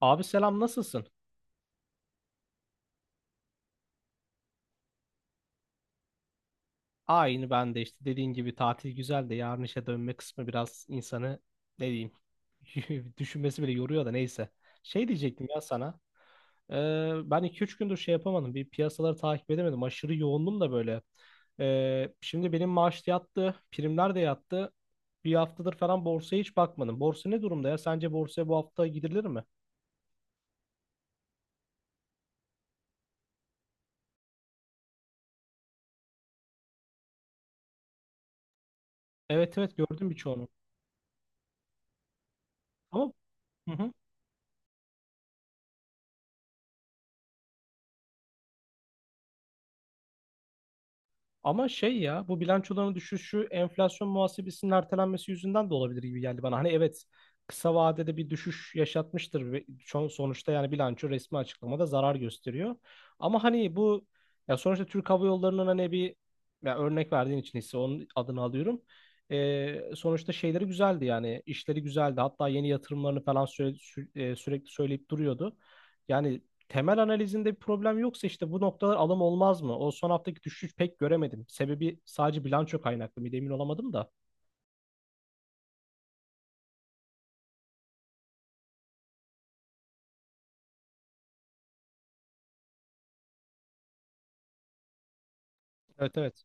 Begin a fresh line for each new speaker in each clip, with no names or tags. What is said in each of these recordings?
Abi selam, nasılsın? Aynı, ben de işte dediğin gibi tatil güzel de yarın işe dönme kısmı biraz insanı, ne diyeyim, düşünmesi bile yoruyor da neyse. Şey diyecektim ya sana. Ben 2-3 gündür şey yapamadım. Bir piyasaları takip edemedim. Aşırı yoğundum da böyle. Şimdi benim maaş da yattı. Primler de yattı. Bir haftadır falan borsaya hiç bakmadım. Borsa ne durumda ya? Sence borsaya bu hafta gidilir mi? Evet evet, gördüm birçoğunu. Ama hı hı. Ama şey ya, bu bilançoların düşüşü enflasyon muhasebesinin ertelenmesi yüzünden de olabilir gibi geldi bana. Hani evet, kısa vadede bir düşüş yaşatmıştır ve sonuçta yani bilanço resmi açıklamada zarar gösteriyor. Ama hani bu, ya sonuçta Türk Hava Yolları'nın hani bir, ya örnek verdiğin için hisse onun adını alıyorum. Sonuçta şeyleri güzeldi, yani işleri güzeldi. Hatta yeni yatırımlarını falan sürekli söyleyip duruyordu. Yani temel analizinde bir problem yoksa işte bu noktalar alım olmaz mı? O son haftaki düşüş pek göremedim. Sebebi sadece bilanço kaynaklı mıydı emin olamadım da. Evet evet.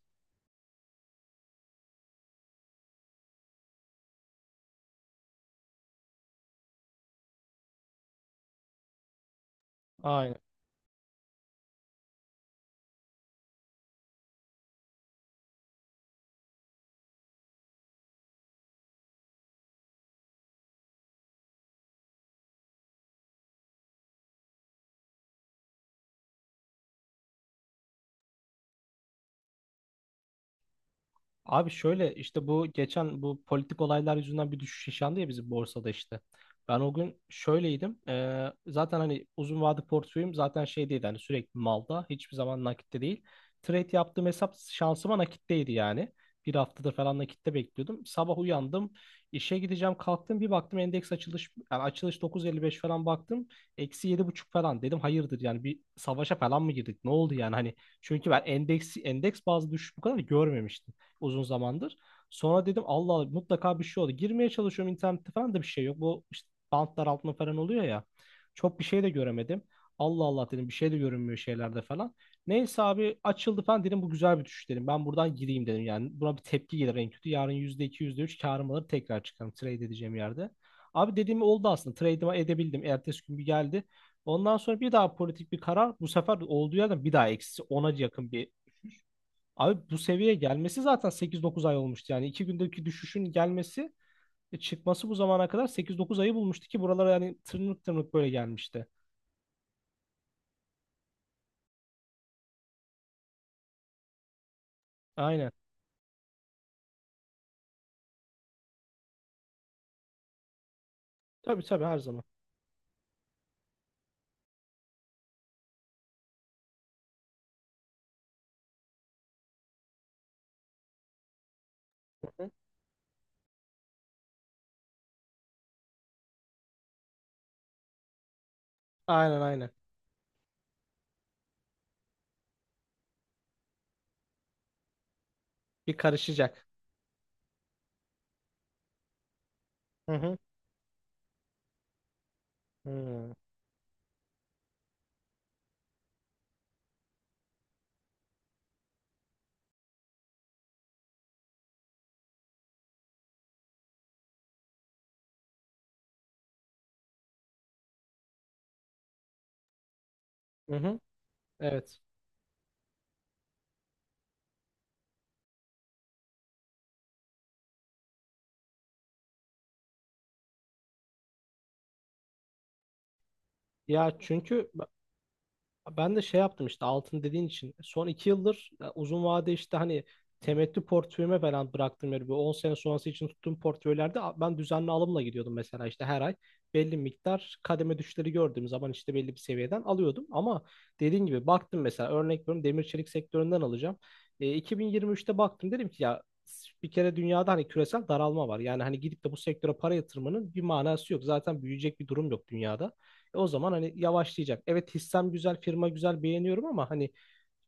Aynen. Abi şöyle, işte bu geçen bu politik olaylar yüzünden bir düşüş yaşandı ya bizim borsada işte. Ben o gün şöyleydim. Zaten hani uzun vade portföyüm zaten şey değil, hani sürekli malda, hiçbir zaman nakitte değil. Trade yaptığım hesap şansıma nakitteydi yani. Bir haftadır falan nakitte bekliyordum. Sabah uyandım, işe gideceğim kalktım, bir baktım endeks açılış, yani açılış 9.55 falan baktım. Eksi yedi buçuk falan, dedim hayırdır yani, bir savaşa falan mı girdik, ne oldu yani, hani çünkü ben endeks bazı düşüş bu kadar görmemiştim uzun zamandır. Sonra dedim, Allah Allah, mutlaka bir şey oldu. Girmeye çalışıyorum internette falan da bir şey yok. Bu işte bantlar altında falan oluyor ya. Çok bir şey de göremedim. Allah Allah dedim, bir şey de görünmüyor şeylerde falan. Neyse abi, açıldı falan dedim, bu güzel bir düşüş dedim. Ben buradan gireyim dedim yani. Buna bir tepki gelir en kötü. Yarın yüzde iki yüzde üç karım alır, tekrar çıkarım, trade edeceğim yerde. Abi dediğim oldu aslında. Trade'imi edebildim. Ertesi gün bir geldi. Ondan sonra bir daha politik bir karar. Bu sefer olduğu yerden bir daha eksi ona yakın bir. Abi bu seviyeye gelmesi zaten sekiz dokuz ay olmuştu. Yani iki gündeki düşüşün gelmesi, çıkması bu zamana kadar sekiz dokuz ayı bulmuştu ki buralara, yani tırnık tırnık böyle gelmişti. Aynen. Tabii tabii, her zaman. Hı hı. Aynen aynen. Bir karışacak. Hı hı. Hı hı. Hı hı. Evet. Ya çünkü ben de şey yaptım, işte altın dediğin için son iki yıldır, uzun vade işte hani temettü portföyüme falan bıraktım yani, bir 10 sene sonrası için tuttuğum portföylerde ben düzenli alımla gidiyordum mesela, işte her ay belli miktar kademe düşleri gördüğüm zaman işte belli bir seviyeden alıyordum, ama dediğin gibi baktım mesela, örnek veriyorum demir çelik sektöründen alacağım. E, 2023'te baktım, dedim ki ya bir kere dünyada hani küresel daralma var. Yani hani gidip de bu sektöre para yatırmanın bir manası yok. Zaten büyüyecek bir durum yok dünyada. E o zaman hani yavaşlayacak. Evet hissem güzel, firma güzel, beğeniyorum ama hani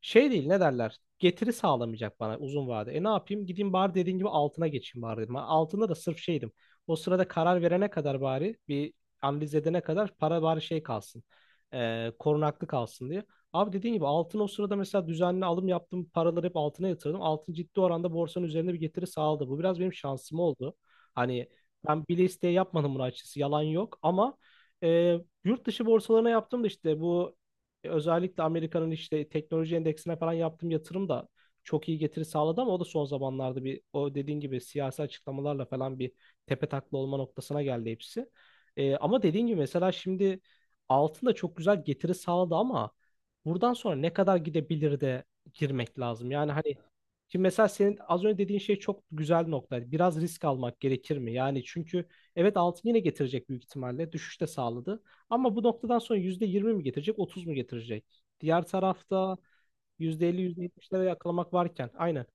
şey değil, ne derler? Getiri sağlamayacak bana uzun vade. E ne yapayım? Gideyim bari, dediğin gibi altına geçeyim bari dedim. Altında da sırf şeydim. O sırada karar verene kadar bari bir analiz edene kadar para bari şey kalsın. Korunaklı kalsın diye. Abi dediğin gibi altın, o sırada mesela düzenli alım yaptım. Paraları hep altına yatırdım. Altın ciddi oranda borsanın üzerinde bir getiri sağladı. Bu biraz benim şansım oldu. Hani ben bile isteye yapmadım bunu açıkçası. Yalan yok ama e, yurt dışı borsalarına yaptım da işte bu, özellikle Amerika'nın işte teknoloji endeksine falan yaptığım yatırım da çok iyi getiri sağladı ama o da son zamanlarda bir, o dediğin gibi siyasi açıklamalarla falan bir tepe takla olma noktasına geldi hepsi. Ama dediğin gibi mesela şimdi altın da çok güzel getiri sağladı ama buradan sonra ne kadar gidebilir de girmek lazım. Yani hani şimdi mesela senin az önce dediğin şey çok güzel bir nokta. Biraz risk almak gerekir mi? Yani çünkü evet, altın yine getirecek büyük ihtimalle. Düşüş de sağladı. Ama bu noktadan sonra %20 mi getirecek, 30 mu getirecek? Diğer tarafta yüzde elli, yüzde yetmişlere yakalamak varken. Aynen.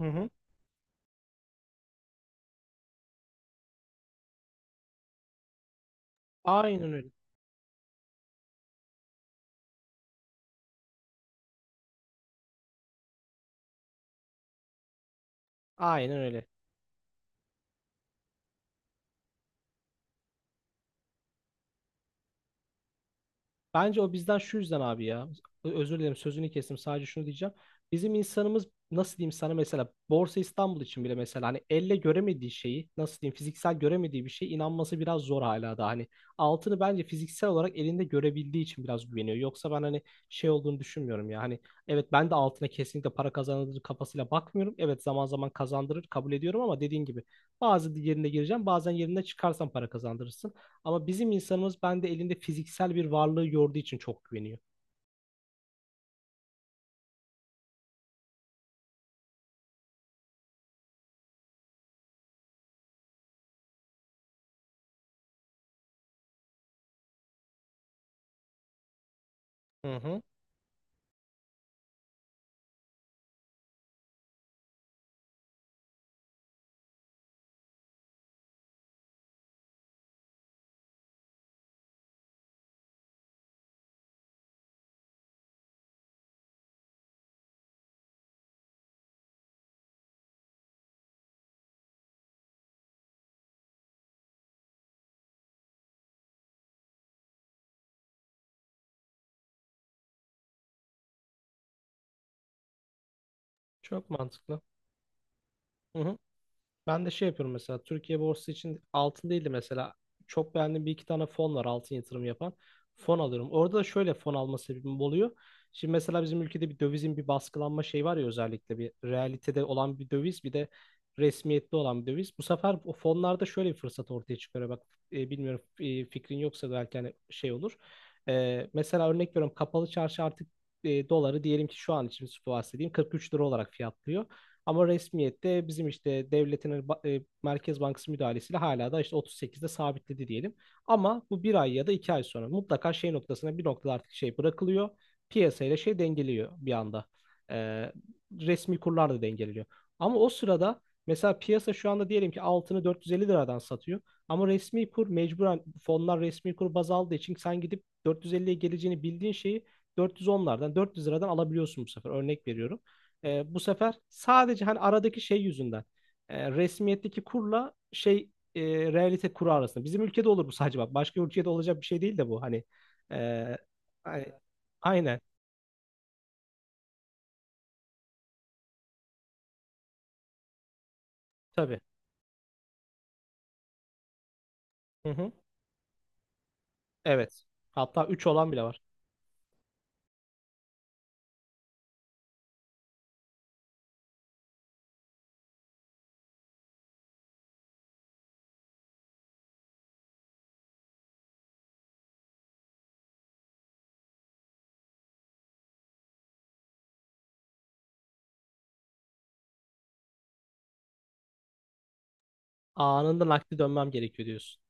Hı hı. Aynen öyle. Aynen öyle. Bence o bizden şu yüzden abi ya. Özür dilerim, sözünü kestim. Sadece şunu diyeceğim. Bizim insanımız, nasıl diyeyim sana, mesela Borsa İstanbul için bile mesela hani elle göremediği şeyi, nasıl diyeyim, fiziksel göremediği bir şeye inanması biraz zor hala da, hani altını bence fiziksel olarak elinde görebildiği için biraz güveniyor. Yoksa ben hani şey olduğunu düşünmüyorum ya hani, evet ben de altına kesinlikle para kazandırır kafasıyla bakmıyorum. Evet zaman zaman kazandırır, kabul ediyorum, ama dediğin gibi bazı yerine gireceğim bazen yerinde çıkarsan para kazandırırsın. Ama bizim insanımız, bende elinde fiziksel bir varlığı gördüğü için çok güveniyor. Hı hı. Çok mantıklı. Hı hı. Ben de şey yapıyorum mesela Türkiye borsası için altın değil de mesela çok beğendiğim bir iki tane fon var altın yatırım yapan. Fon alıyorum. Orada da şöyle fon alma sebebim oluyor. Şimdi mesela bizim ülkede bir dövizin bir baskılanma şeyi var ya, özellikle bir realitede olan bir döviz, bir de resmiyetli olan bir döviz. Bu sefer o fonlarda şöyle bir fırsat ortaya çıkıyor. Bak, bilmiyorum, fikrin yoksa belki hani şey olur. Mesela örnek veriyorum, kapalı çarşı artık, doları diyelim ki şu an için bahsedeyim 43 lira olarak fiyatlıyor. Ama resmiyette bizim işte devletin hani Merkez Bankası müdahalesiyle hala da işte 38'de sabitledi diyelim. Ama bu bir ay ya da iki ay sonra mutlaka şey noktasına, bir noktada artık şey bırakılıyor. Piyasayla şey dengeliyor bir anda. Ee, Resmi kurlar da dengeleniyor. Ama o sırada mesela piyasa şu anda diyelim ki altını 450 liradan satıyor. Ama resmi kur, mecburen fonlar resmi kur baz aldığı için sen gidip 450'ye geleceğini bildiğin şeyi 410'lardan 400 liradan alabiliyorsun bu sefer. Örnek veriyorum. Bu sefer sadece hani aradaki şey yüzünden, resmiyetteki kurla şey, e, realite kuru arasında. Bizim ülkede olur bu sadece, bak. Başka ülkede olacak bir şey değil de bu. Hani, e, hani aynen, tabii. Hı hı. Evet. Hatta 3 olan bile var. Anında nakdi dönmem gerekiyor, diyorsun.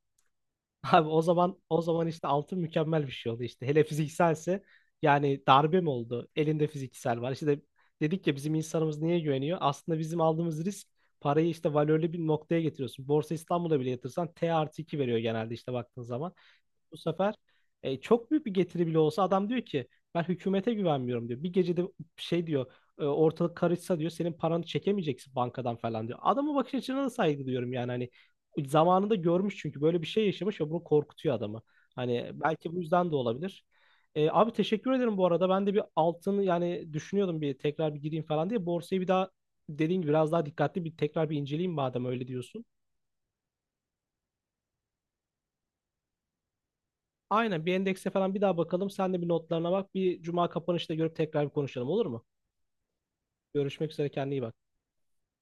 Abi o zaman, işte altın mükemmel bir şey oldu işte. Hele fizikselse, yani darbe mi oldu? Elinde fiziksel var. İşte dedik ya, bizim insanımız niye güveniyor? Aslında bizim aldığımız risk, parayı işte valörlü bir noktaya getiriyorsun. Borsa İstanbul'a bile yatırsan T artı 2 veriyor genelde işte baktığın zaman, bu sefer çok büyük bir getiri bile olsa adam diyor ki, ben hükümete güvenmiyorum diyor. Bir gecede şey diyor, ortalık karışsa diyor senin paranı çekemeyeceksin bankadan falan diyor. Adamın bakış açısına da saygı duyuyorum, yani hani zamanında görmüş çünkü, böyle bir şey yaşamış ve bunu korkutuyor adamı. Hani belki bu yüzden de olabilir. Abi teşekkür ederim bu arada. Ben de bir altını yani düşünüyordum, bir tekrar bir gireyim falan diye. Borsayı bir daha, dediğin gibi biraz daha dikkatli bir tekrar bir inceleyeyim madem öyle diyorsun. Aynen, bir endekse falan bir daha bakalım. Sen de bir notlarına bak. Bir cuma kapanışta görüp tekrar bir konuşalım olur mu? Görüşmek üzere, kendine iyi bak.